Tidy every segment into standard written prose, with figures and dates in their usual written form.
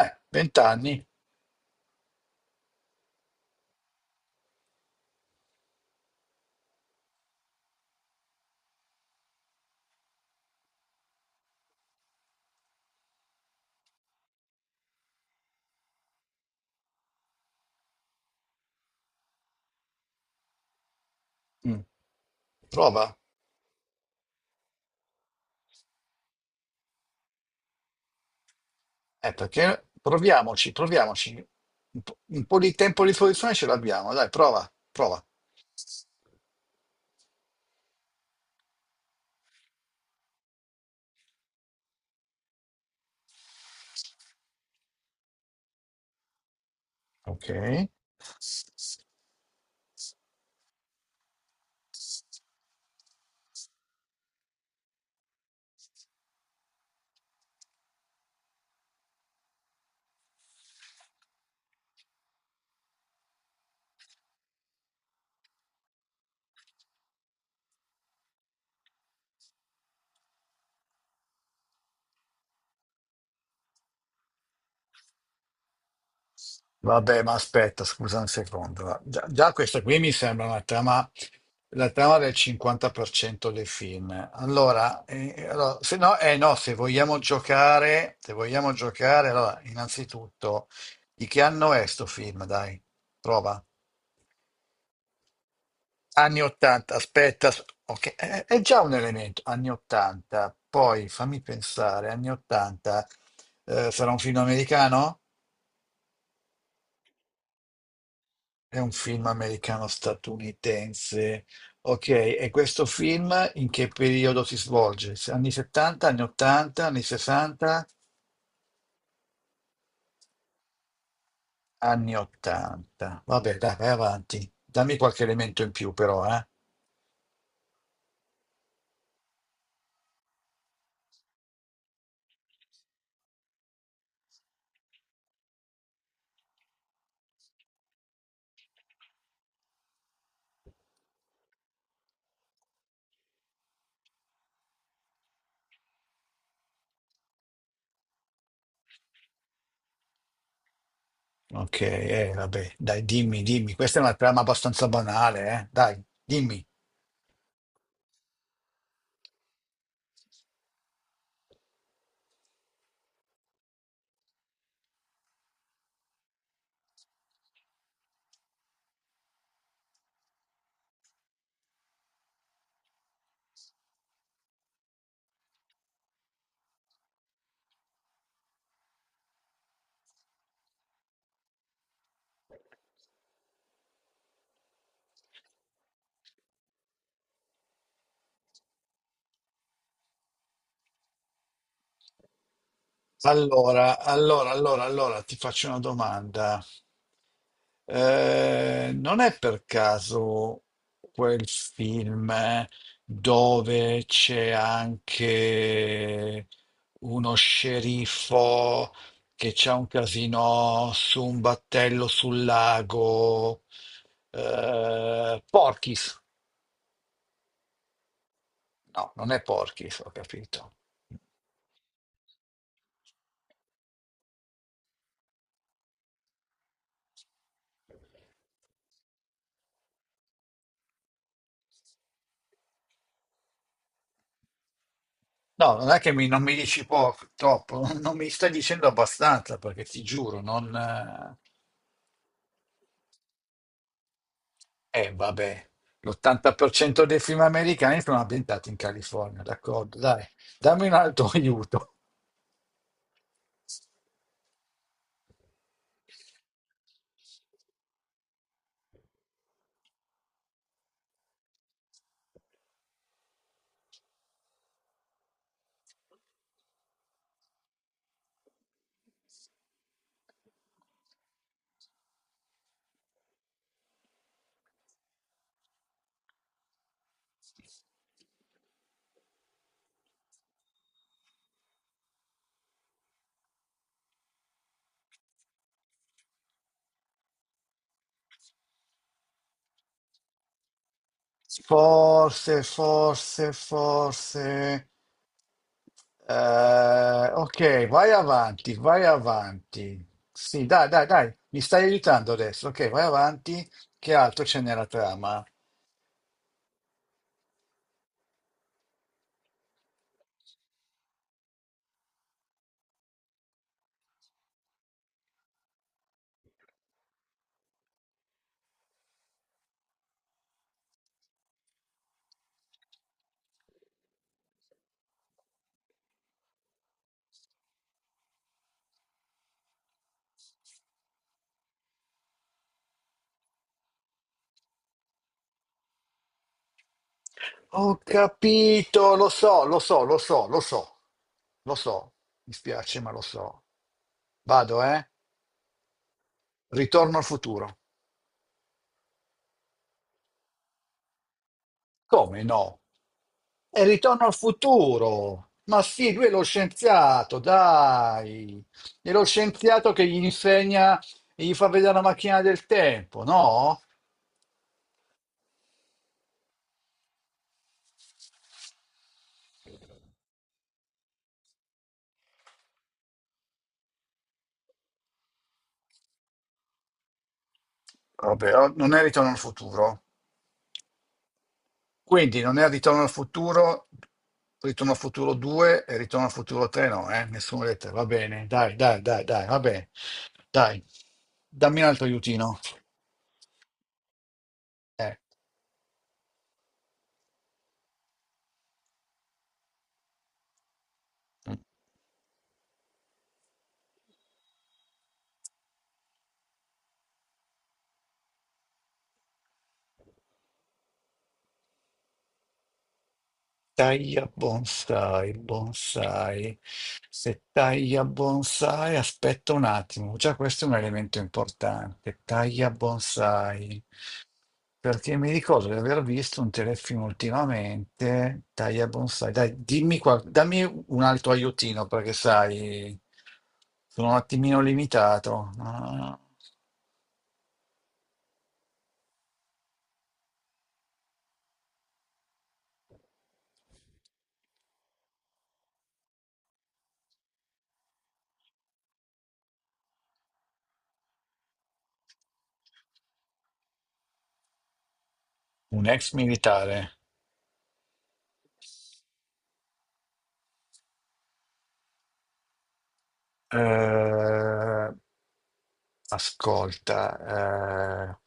20 anni. Mm. Prova. Perché proviamoci, proviamoci. Un po' di tempo di soluzione ce l'abbiamo. Dai, prova, prova. Ok. Vabbè, ma aspetta, scusa un secondo. Va. Già, già questa qui mi sembra una trama, la trama del 50% dei film. Allora, allora, se no, eh no, se vogliamo giocare, allora, innanzitutto, di che anno è sto film? Dai, prova. Anni 80, aspetta, ok, è già un elemento, anni 80, poi fammi pensare, anni 80, sarà un film americano? È un film americano-statunitense, ok, e questo film in che periodo si svolge? Anni 70, anni 80, anni 60, anni 80, vabbè, dai, vai avanti, dammi qualche elemento in più però, eh? Ok, vabbè, dai, dimmi, dimmi, questa è una trama abbastanza banale, eh? Dai, dimmi. Allora, allora, allora, allora ti faccio una domanda. Non è per caso quel film dove c'è anche uno sceriffo che c'ha un casino su un battello sul lago? Porky's. No, non è Porky's, ho capito. No, non è che non mi dici poco, troppo, non mi stai dicendo abbastanza perché ti giuro, non... vabbè, l'80% dei film americani sono ambientati in California, d'accordo, dai, dammi un altro aiuto. Forse, forse, forse. Ok, vai avanti, vai avanti. Sì, dai, dai, dai, mi stai aiutando adesso. Ok, vai avanti. Che altro c'è nella trama? Ho capito, lo so, lo so, lo so, lo so, lo so. Mi spiace, ma lo so. Vado, eh? Ritorno al futuro. Come no? È Ritorno al futuro. Ma sì, lui è lo scienziato, dai. È lo scienziato che gli insegna e gli fa vedere la macchina del tempo, no? Vabbè, oh, non è Ritorno al futuro. Quindi non è Ritorno al futuro 2 e Ritorno al futuro 3, no, eh? Nessuno lettera. Va bene, dai, dai, dai, dai, va bene. Dai, dammi un altro aiutino. Eh. Taglia bonsai, bonsai. Se taglia bonsai, aspetta un attimo, già questo è un elemento importante. Taglia bonsai, perché mi ricordo di aver visto un telefilm ultimamente. Taglia bonsai, dai, dimmi qua, dammi un altro aiutino perché sai, sono un attimino limitato. Ah. Un ex militare. Eh, ascolta,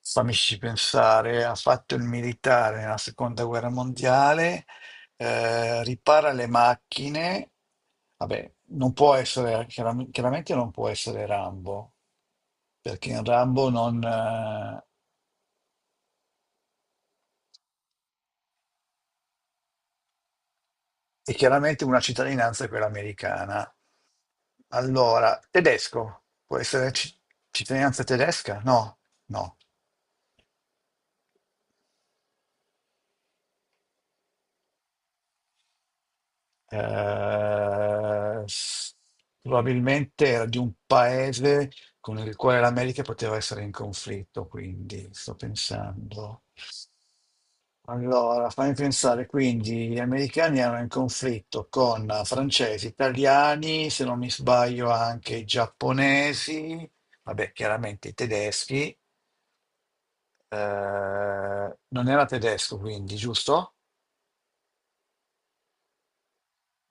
fammici pensare, ha fatto il militare nella seconda guerra mondiale, ripara le macchine, vabbè, non può essere, chiaramente non può essere Rambo, perché in Rambo non, è chiaramente una cittadinanza è quella americana. Allora, tedesco, può essere cittadinanza tedesca? No, no. eh, s- probabilmente era di un paese con il quale l'America poteva essere in conflitto, quindi sto pensando. Allora, fammi pensare, quindi gli americani erano in conflitto con francesi, italiani, se non mi sbaglio anche i giapponesi, vabbè, chiaramente i tedeschi, non era tedesco quindi, giusto?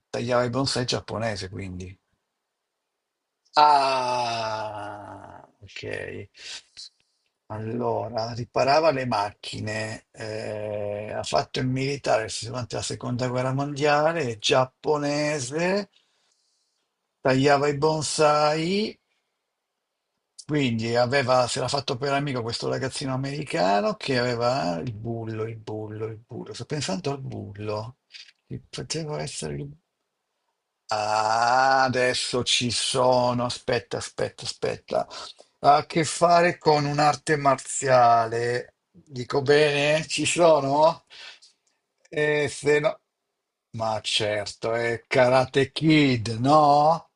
Tagliava i bonsai giapponese quindi. Ah, ok. Allora, riparava le macchine, ha fatto il militare durante la seconda guerra mondiale, è giapponese, tagliava i bonsai, quindi aveva, se l'ha fatto per amico questo ragazzino americano che aveva il bullo, il bullo, il bullo. Sto pensando al bullo. Che poteva essere il... Ah, adesso ci sono, aspetta, aspetta, aspetta. Ha a che fare con un'arte marziale. Dico bene? Ci sono? E se no... Ma certo, è Karate Kid, no?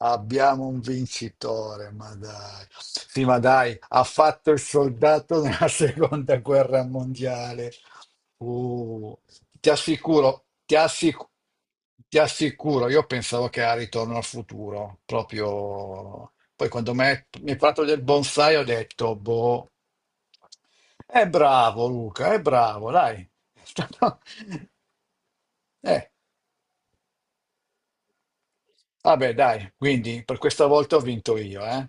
Abbiamo un vincitore, ma dai. Sì, ma dai, ha fatto il soldato nella seconda guerra mondiale. Uh, ti assicuro, ti assicuro, io pensavo che era Ritorno al futuro, proprio... Poi quando mi hai parlato del bonsai ho detto, boh, è bravo Luca, è bravo, dai. È stato- Eh, vabbè, dai, quindi per questa volta ho vinto io, eh.